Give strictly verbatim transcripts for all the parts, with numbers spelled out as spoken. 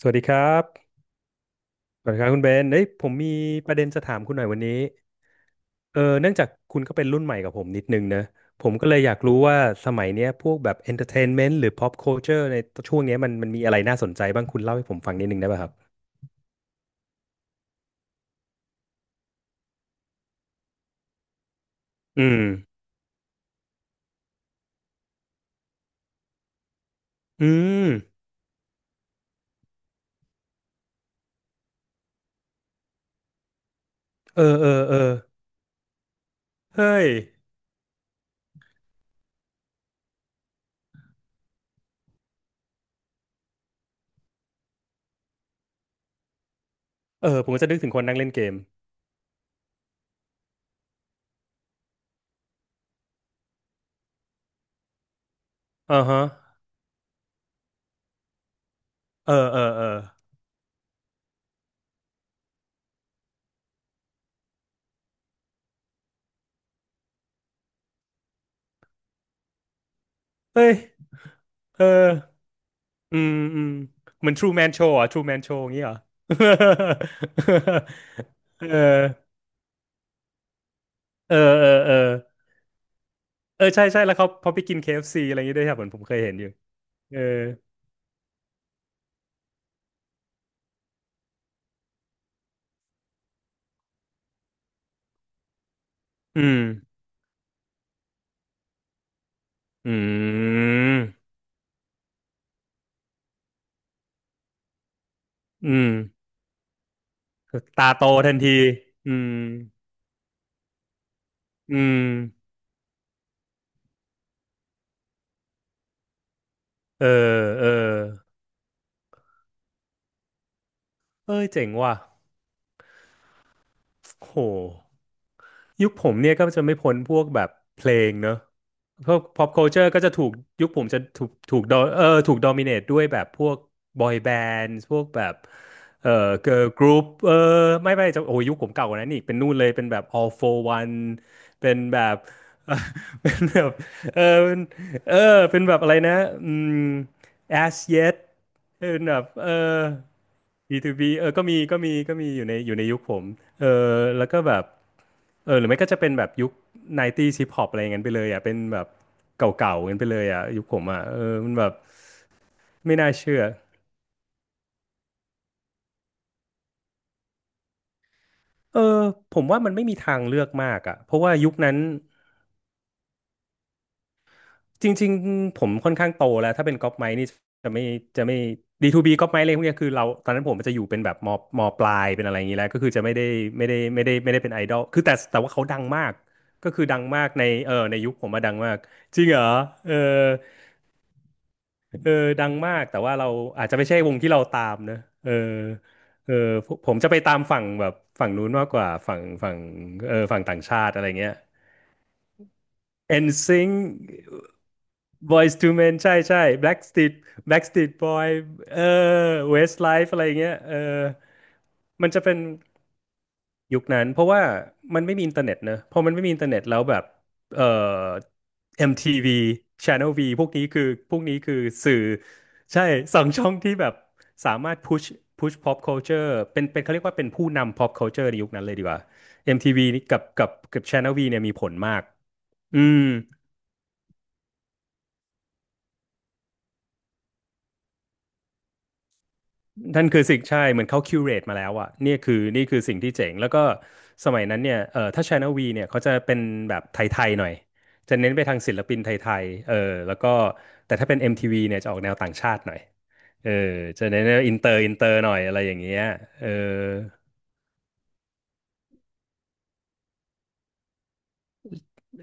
สวัสดีครับสวัสดีครับคุณเบนเอ้ยผมมีประเด็นจะถามคุณหน่อยวันนี้เออเนื่องจากคุณก็เป็นรุ่นใหม่กับผมนิดนึงนะผมก็เลยอยากรู้ว่าสมัยเนี้ยพวกแบบ entertainment หรือ pop culture ในช่วงเนี้ยมันมันมีอะไรน่าสนใจบ้าง คุณเล่าให้ผมฟังนิดนึงได้ป่ะครับอืมอืมเออเออ เออเฮ้ยเออผมก็จะนึกถึงคนนั่งเล่นเกมอ่าฮะเออ เออเออเฮ้ยเออ อืมอืมเหมือน True Man Show อ่ะ True Man Show อย่างงี้เหรอ เออเออเออเออเออใช่ใช่แล้วเขาพอไปกิน เค เอฟ ซี อฟซีอะไรอย่างงี้ด้วยครับเหมือนผมเคยเห็นอยู่เอออืมอืมอืมตาโตทันทีอืมอืมเออเออเอ้ยเจ๋งว่ะโห ยุคผมเนี่ยก็จะไม่พ้นพวกแบบเพลงเนอะพวก pop culture ก็จะถูกยุคผมจะถูกถูกดอเออถูก dominate ด้วยแบบพวก boy band พวกแบบเออ girl group เออไม่ไม่จะโอ้ยยุคผมเก่ากว่านั้นอีกเป็นนู่นเลยเป็นแบบ all for one เป็นแบบ เอ่อเป็นแบบเออเป็นเออเป็นแบบอะไรนะอืม as yet เป็นแบบเออ บี ทู บี เออก็มีก็มีก็มีอยู่ในอยู่ในยุคผมเออแล้วก็แบบ เออหรือไม่ก็จะเป็นแบบยุคไนน์ตี้ส์ฮิปฮอปอะไรอย่างนั้นไปเลยอ่ะเป็นแบบเก่าๆกันไปเลยอ่ะยุคผมอ่ะเออมันแบบไม่น่าเชื่อเออผมว่ามันไม่มีทางเลือกมากอ่ะเพราะว่ายุคนั้นจริงๆผมค่อนข้างโตแล้วถ้าเป็นก๊อปไมค์นี่จะไม่จะไม่ดีทูบีก๊อปไมค์อะไรพวกเนี้ยคือเราตอนนั้นผมมันจะอยู่เป็นแบบมมปลายเป็นอะไรอย่างนี้แล้วก็คือจะไม่ได้ไม่ได้ไม่ได้ไม่ได้เป็นไอดอลคือแต่แต่ว่าเขาดังมากก็คือดังมากในเออในยุคผมมาดังมากจริงเหรอเออ เออดังมากแต่ว่าเราอาจจะไม่ใช่วงที่เราตามนะเออเออผมผมจะไปตามฝั่งแบบฝั่งนู้นมากกว่าฝั่งฝั่งเออฝั่งต่างชาติอะไรเงี้ย n s i n g Boyz to Men ใช่ใช่ Backstreet Backstreet Boy เออ Westlife อะไรเงี้ยเออมันจะเป็น ยุคนั้นเพราะว่ามันไม่มีอินเทอร์เน็ตเนอะพอมันไม่มีอินเทอร์เน็ตแล้วแบบเอ่อ เอ็ม ที วี Channel V พวกนี้คือพวกนี้คือสื่อใช่สองช่องที่แบบสามารถ push push pop culture เป็นเป็นเขาเรียกว่าเป็นผู้นำ pop culture ในยุคนั้นเลยดีกว่า เอ็ม ที วี นี่กับกับกับ Channel V เนี่ยมีผลมากอืม นั่นคือสิ่งใช่เหมือนเขาคิวเรตมาแล้วอะเนี่ยคือนี่คือสิ่งที่เจ๋งแล้วก็สมัยนั้นเนี่ยเออถ้า Channel V เนี่ยเขาจะเป็นแบบไทยๆหน่อยจะเน้นไปทางศิลปินไทยๆเออแล้วก็แต่ถ้าเป็น เอ็ม ที วี เนี่ยจะออกแนวต่างชาติหน่อยเออจะเน้นอินเตอร์อินเตอร์หน่อยอะไรอย่างเงี้ยเออ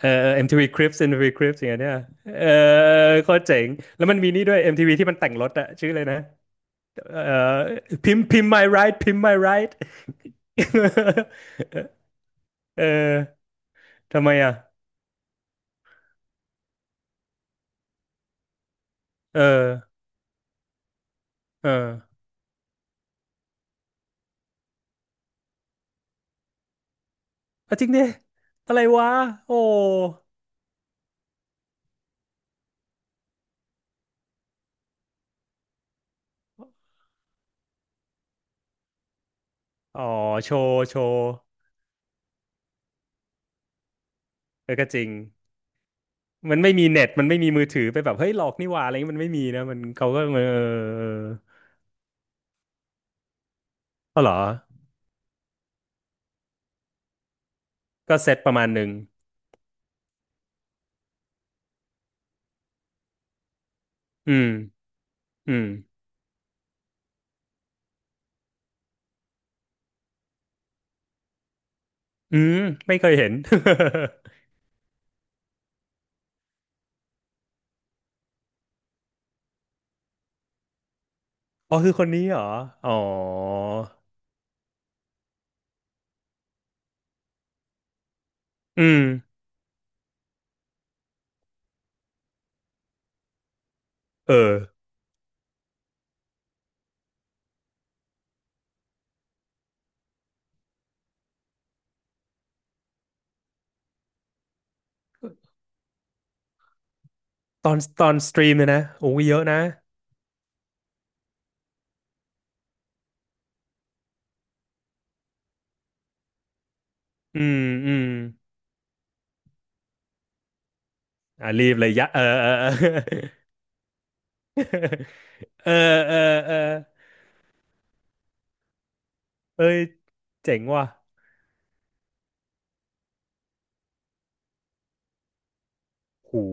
เออเออ เอ็ม ที วี Cribs เอ็ม ที วี Cribs อมทีวี Crips อย่างเงี้ยเนี่ยเออโคตรเจ๋งแล้วมันมีนี่ด้วยเอ็มทีวีที่มันแต่งรถอะชื่อเลยนะเออพิมพ์พิมพ์ my ride พิมพ์ my ride เออ ทำไมอ่ะเออเออเอาจริงดิอะไรวะ โอ้อ๋อโชว์โชว์เออก็จริงมันไม่มีเน็ตมันไม่มีมือถือไปแบบเฮ้ยหลอกนี่หว่าอะไรเงี้ยมันไม่มีนะมันเขาก็เออเออเออเอาเหรอก็เซตประมาณหนึ่งอืมอืมอืมไม่เคยเห็น อ๋อคือคนนี้เหรออ๋ออืมเออตอนตอนสตรีมเลยนะโอ้ยเยอะนะอืมอืมอ่ะรีบเลยยะเออเออเออ เออเออเออเอ้ยเจ๋งว่ะหู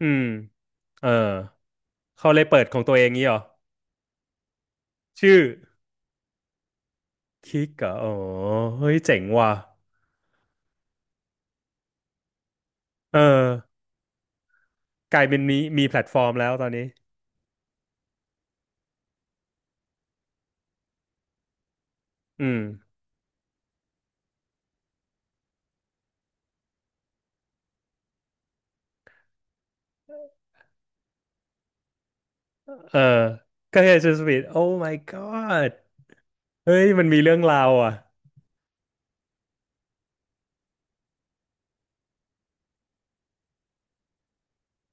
อืมเออเขาเลยเปิดของตัวเองงี้เหรอชื่อคิกเหรออ๋อเฮ้ยเจ๋งว่ะเออ กลายเป็นมีมีแพลตฟอร์มแล้วตอนนี้ อืมเออก็เฮซูสปีดโอ้ my god เฮ้ยมันมีเรื่องราวอ่ะ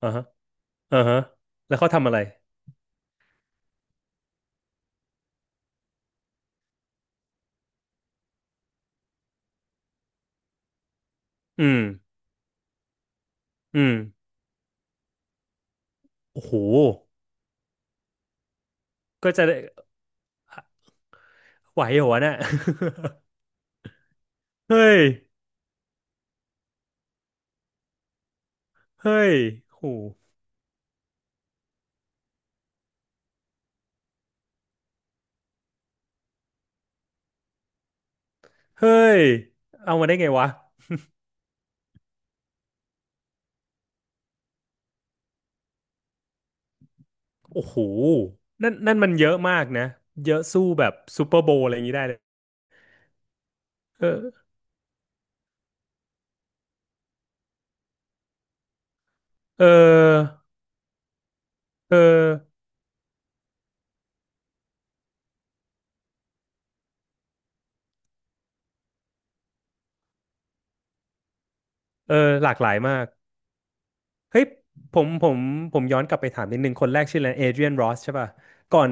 อ่าฮะอ่าฮะแล้วเขาทำอะไรอืมอืมโอ้โหก็จะได้ไหวเหรอวะน่ะ เฮ้ยเฮ้ยโห เฮ้ย เอามาได้ไงวะ โอ้โหนั่นนั่นมันเยอะมากนะ เยอะสู้แบบซูเปอร์โบว์อะไรอย่างนี้ได้เลย เออ เออ เออ เออ หลากหลายมาก เฮ้ย ผมผมผมย้อนกลับไปถามนิดนึงคนแรกชื่ออะไรเอเดรียนรอสใช่ป่ะก่อน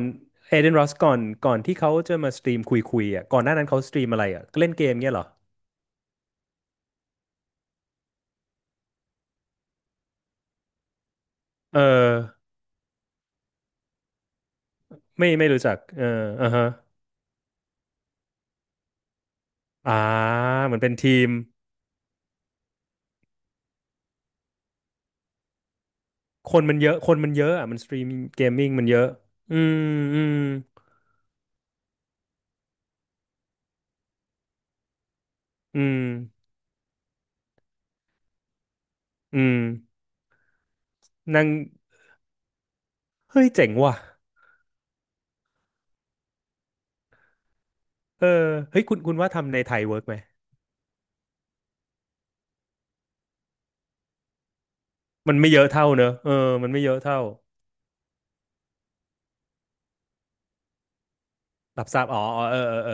เอเดรียนรอสก่อนก่อนที่เขาจะมาสตรีมคุยคุยอ่ะก่อนหน้านั้นเขาสตรีมอะไรอ่ะเล่นเกมเงี้ยเหรอ เออ ไม่ไม่รู้จักเอออ่าฮะอ่าเหมือนเป็นทีม คนมันเยอะ คนมันเยอะอ่ะมันสตรีมเกมมิ่งมันเยอะอืมอืมอืมอืมนั่งเฮ้ยเจ๋งว่ะเออเฮ้ยคุณคุณว่าทำในไทยเวิร์กไหม มันไม่เยอะเท่าเนอะเออมันไม่เยอะเท่ารับทราบอ๋อ อ๋อเออเออเออ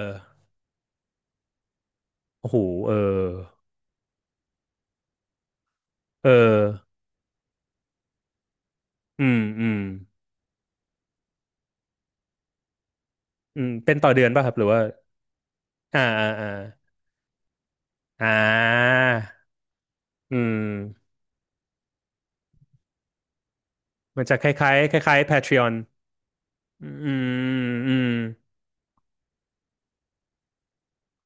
โอ้โหเออเอออืมอืมอืมเป็นต่อเดือนป่ะครับ หรือว่าอ่าอ่าอ่าอ่าอืมมันจะคล้ายๆคล้ายๆ Patreon อืมอืม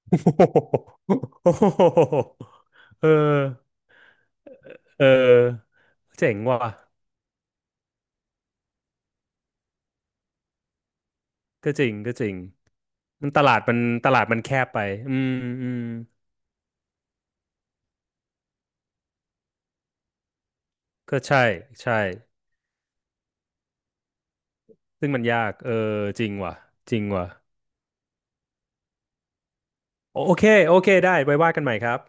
โอ้โหโอ้โห เออ เออเจ๋งว่ะ ก็จริงก็จริงมันตลาดมันตลาดมันแคบไปอืมอืมก็ใช่ใช่ ซึ่งมันยากเออจริงว่ะจริงว่ะโอโอเคโอเคได้ไว้ว่ากันใหม่ครับ